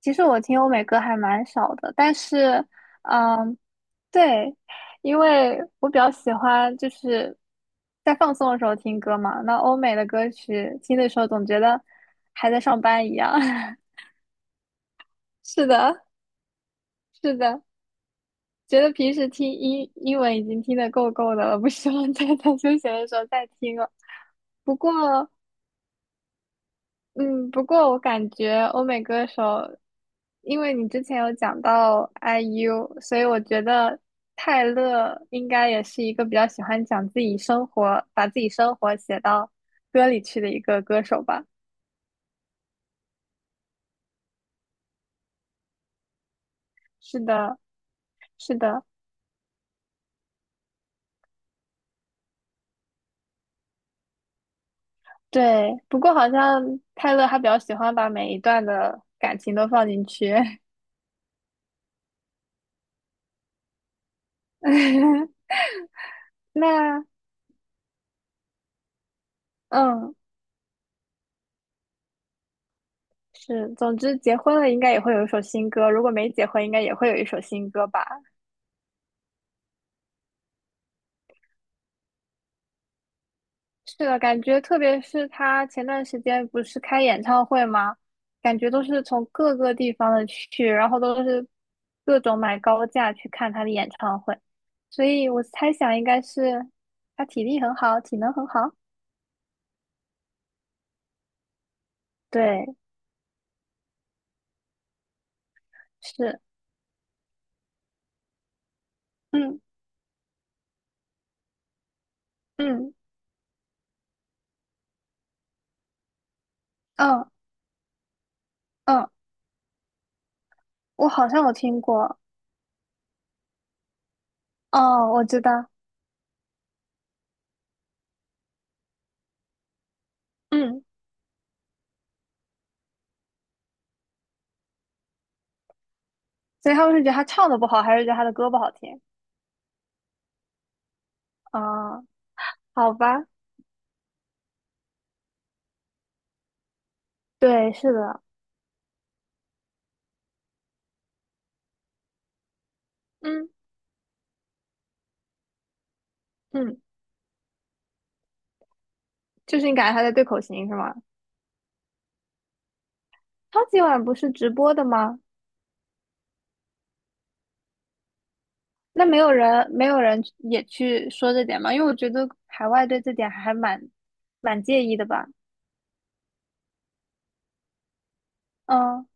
其实我听欧美歌还蛮少的，但是，嗯，对，因为我比较喜欢就是在放松的时候听歌嘛。那欧美的歌曲听的时候，总觉得还在上班一样。是的，是的，觉得平时听英文已经听得够够的了，不希望再 在休闲的时候再听了。不过，嗯，不过我感觉欧美歌手，因为你之前有讲到 IU，所以我觉得泰勒应该也是一个比较喜欢讲自己生活，把自己生活写到歌里去的一个歌手吧。是的，是的，对。不过好像泰勒他比较喜欢把每一段的感情都放进去。那嗯，是，总之结婚了应该也会有一首新歌，如果没结婚应该也会有一首新歌吧。是的，感觉特别是他前段时间不是开演唱会吗？感觉都是从各个地方的去，然后都是各种买高价去看他的演唱会，所以我猜想应该是他体力很好，体能很好。对，是，嗯嗯嗯嗯，我好像有听过，哦，我知道，嗯，所以他们是觉得他唱的不好，还是觉得他的歌不好听？啊、好吧，对，是的，嗯嗯，就是你感觉他在对口型是吗？超级碗不是直播的吗？那没有人也去说这点吗？因为我觉得海外对这点还蛮介意的吧。嗯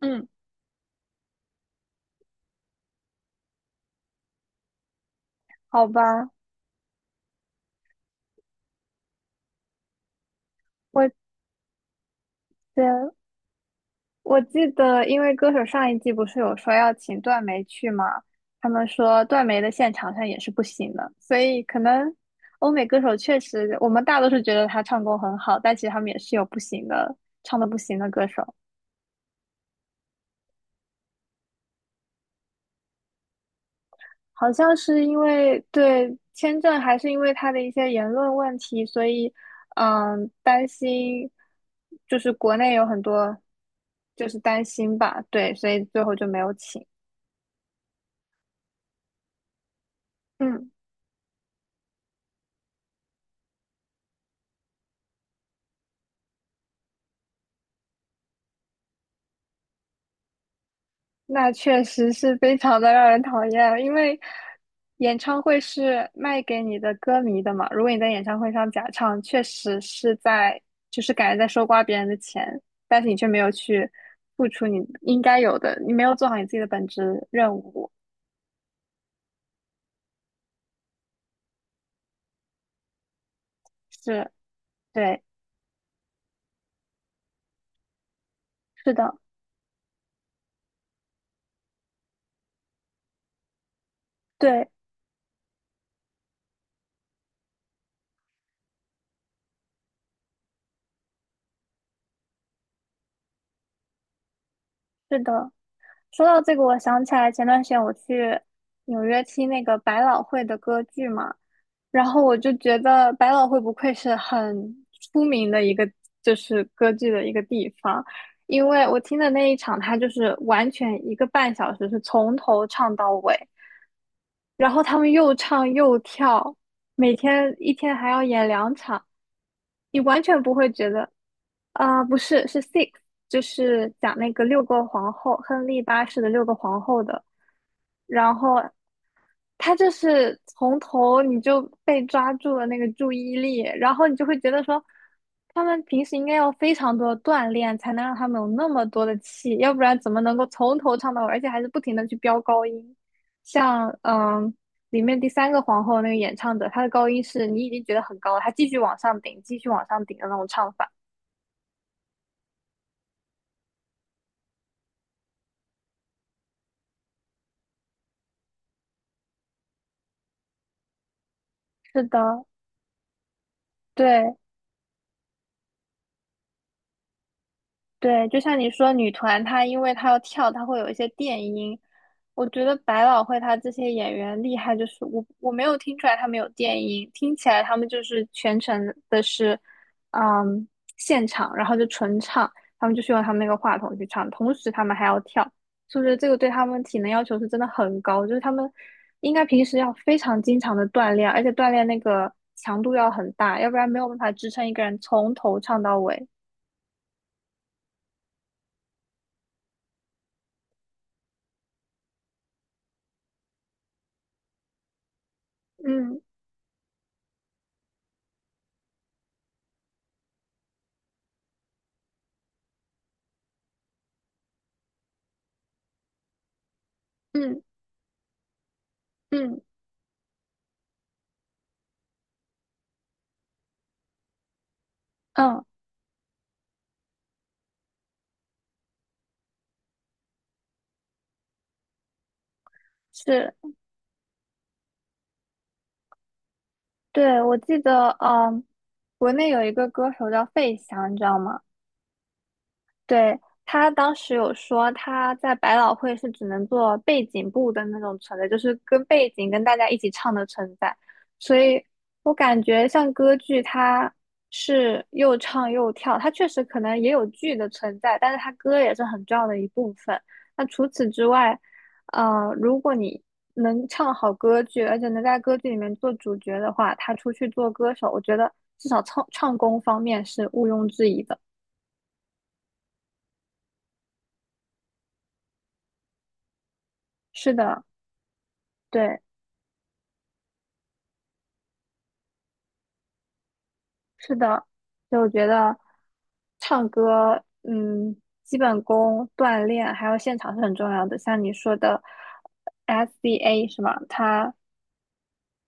嗯，好吧，我的我记得，因为歌手上一季不是有说要请段梅去吗？他们说段梅的现场上也是不行的，所以可能欧美歌手确实，我们大多数觉得他唱功很好，但其实他们也是有不行的，唱的不行的歌手。好像是因为对签证，还是因为他的一些言论问题，所以，担心，就是国内有很多，就是担心吧，对，所以最后就没有请。嗯，那确实是非常的让人讨厌，因为演唱会是卖给你的歌迷的嘛，如果你在演唱会上假唱，确实是在，就是感觉在收刮别人的钱，但是你却没有去付出你应该有的，你没有做好你自己的本职任务。是，对，是的，对，是的。说到这个，我想起来前段时间我去纽约听那个百老汇的歌剧嘛，然后我就觉得百老汇不愧是很出名的一个，就是歌剧的一个地方，因为我听的那一场，它就是完全一个半小时是从头唱到尾，然后他们又唱又跳，每天一天还要演两场。你完全不会觉得，啊、不是，是 Six，就是讲那个六个皇后，亨利八世的六个皇后的。然后他就是从头你就被抓住了那个注意力，然后你就会觉得说，他们平时应该要非常多的锻炼，才能让他们有那么多的气，要不然怎么能够从头唱到尾，而且还是不停的去飙高音？像里面第三个皇后那个演唱者，她的高音是你已经觉得很高了，她继续往上顶，继续往上顶的那种唱法。是的，对。对，就像你说，女团她因为她要跳，她会有一些电音。我觉得百老汇她这些演员厉害，就是我没有听出来他们有电音，听起来他们就是全程的是，嗯，现场，然后就纯唱，他们就是用他们那个话筒去唱，同时他们还要跳，是不是？这个对他们体能要求是真的很高，就是他们应该平时要非常经常的锻炼，而且锻炼那个强度要很大，要不然没有办法支撑一个人从头唱到尾。嗯嗯嗯。嗯，是，对，我记得，国内有一个歌手叫费翔，你知道吗？对，他当时有说他在百老汇是只能做背景部的那种存在，就是跟背景跟大家一起唱的存在，所以我感觉像歌剧它是又唱又跳，它确实可能也有剧的存在，但是它歌也是很重要的一部分。那除此之外，如果你能唱好歌剧，而且能在歌剧里面做主角的话，他出去做歌手，我觉得至少唱功方面是毋庸置疑的。是的，对。是的，就我觉得唱歌，基本功、锻炼还有现场是很重要的。像你说的 SDA 是吗？他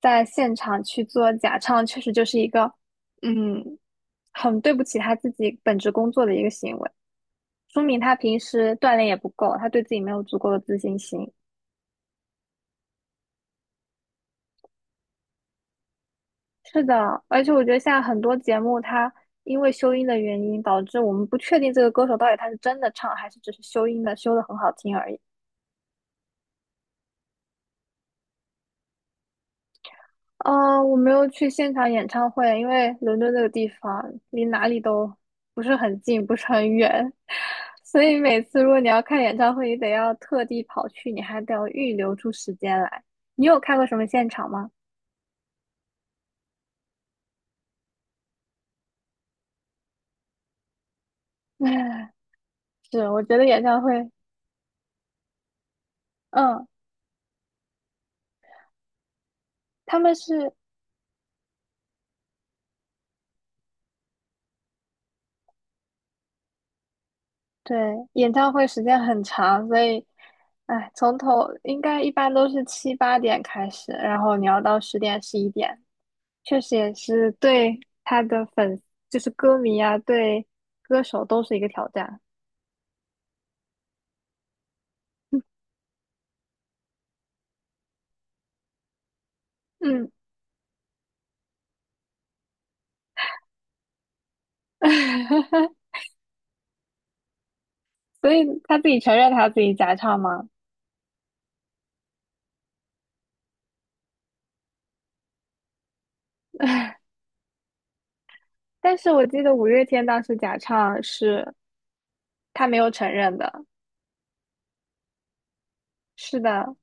在现场去做假唱，确实就是一个，嗯，很对不起他自己本职工作的一个行为，说明他平时锻炼也不够，他对自己没有足够的自信心。是的，而且我觉得现在很多节目，它因为修音的原因，导致我们不确定这个歌手到底他是真的唱，还是只是修音的，修的很好听而已。我没有去现场演唱会，因为伦敦这个地方离哪里都不是很近，不是很远，所以每次如果你要看演唱会，你得要特地跑去，你还得要预留出时间来。你有看过什么现场吗？唉，是，我觉得演唱会，嗯，他们是对，演唱会时间很长，所以，哎，从头应该一般都是七八点开始，然后你要到十点十一点，确实也是对他的粉丝，就是歌迷啊，对歌手都是一个挑战。嗯，所以他自己承认他自己假唱吗？但是我记得五月天当时假唱是他没有承认的。是的，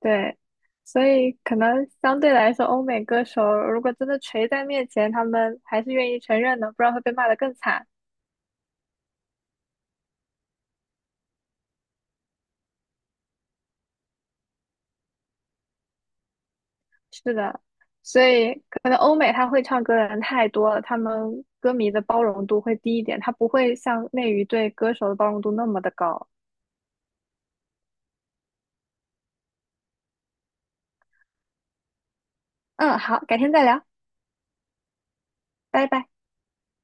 对，所以可能相对来说，欧美歌手如果真的锤在面前，他们还是愿意承认的，不然会被骂得更惨。是的，所以可能欧美他会唱歌的人太多了，他们歌迷的包容度会低一点，他不会像内娱对歌手的包容度那么的高。嗯，好，改天再聊，拜拜。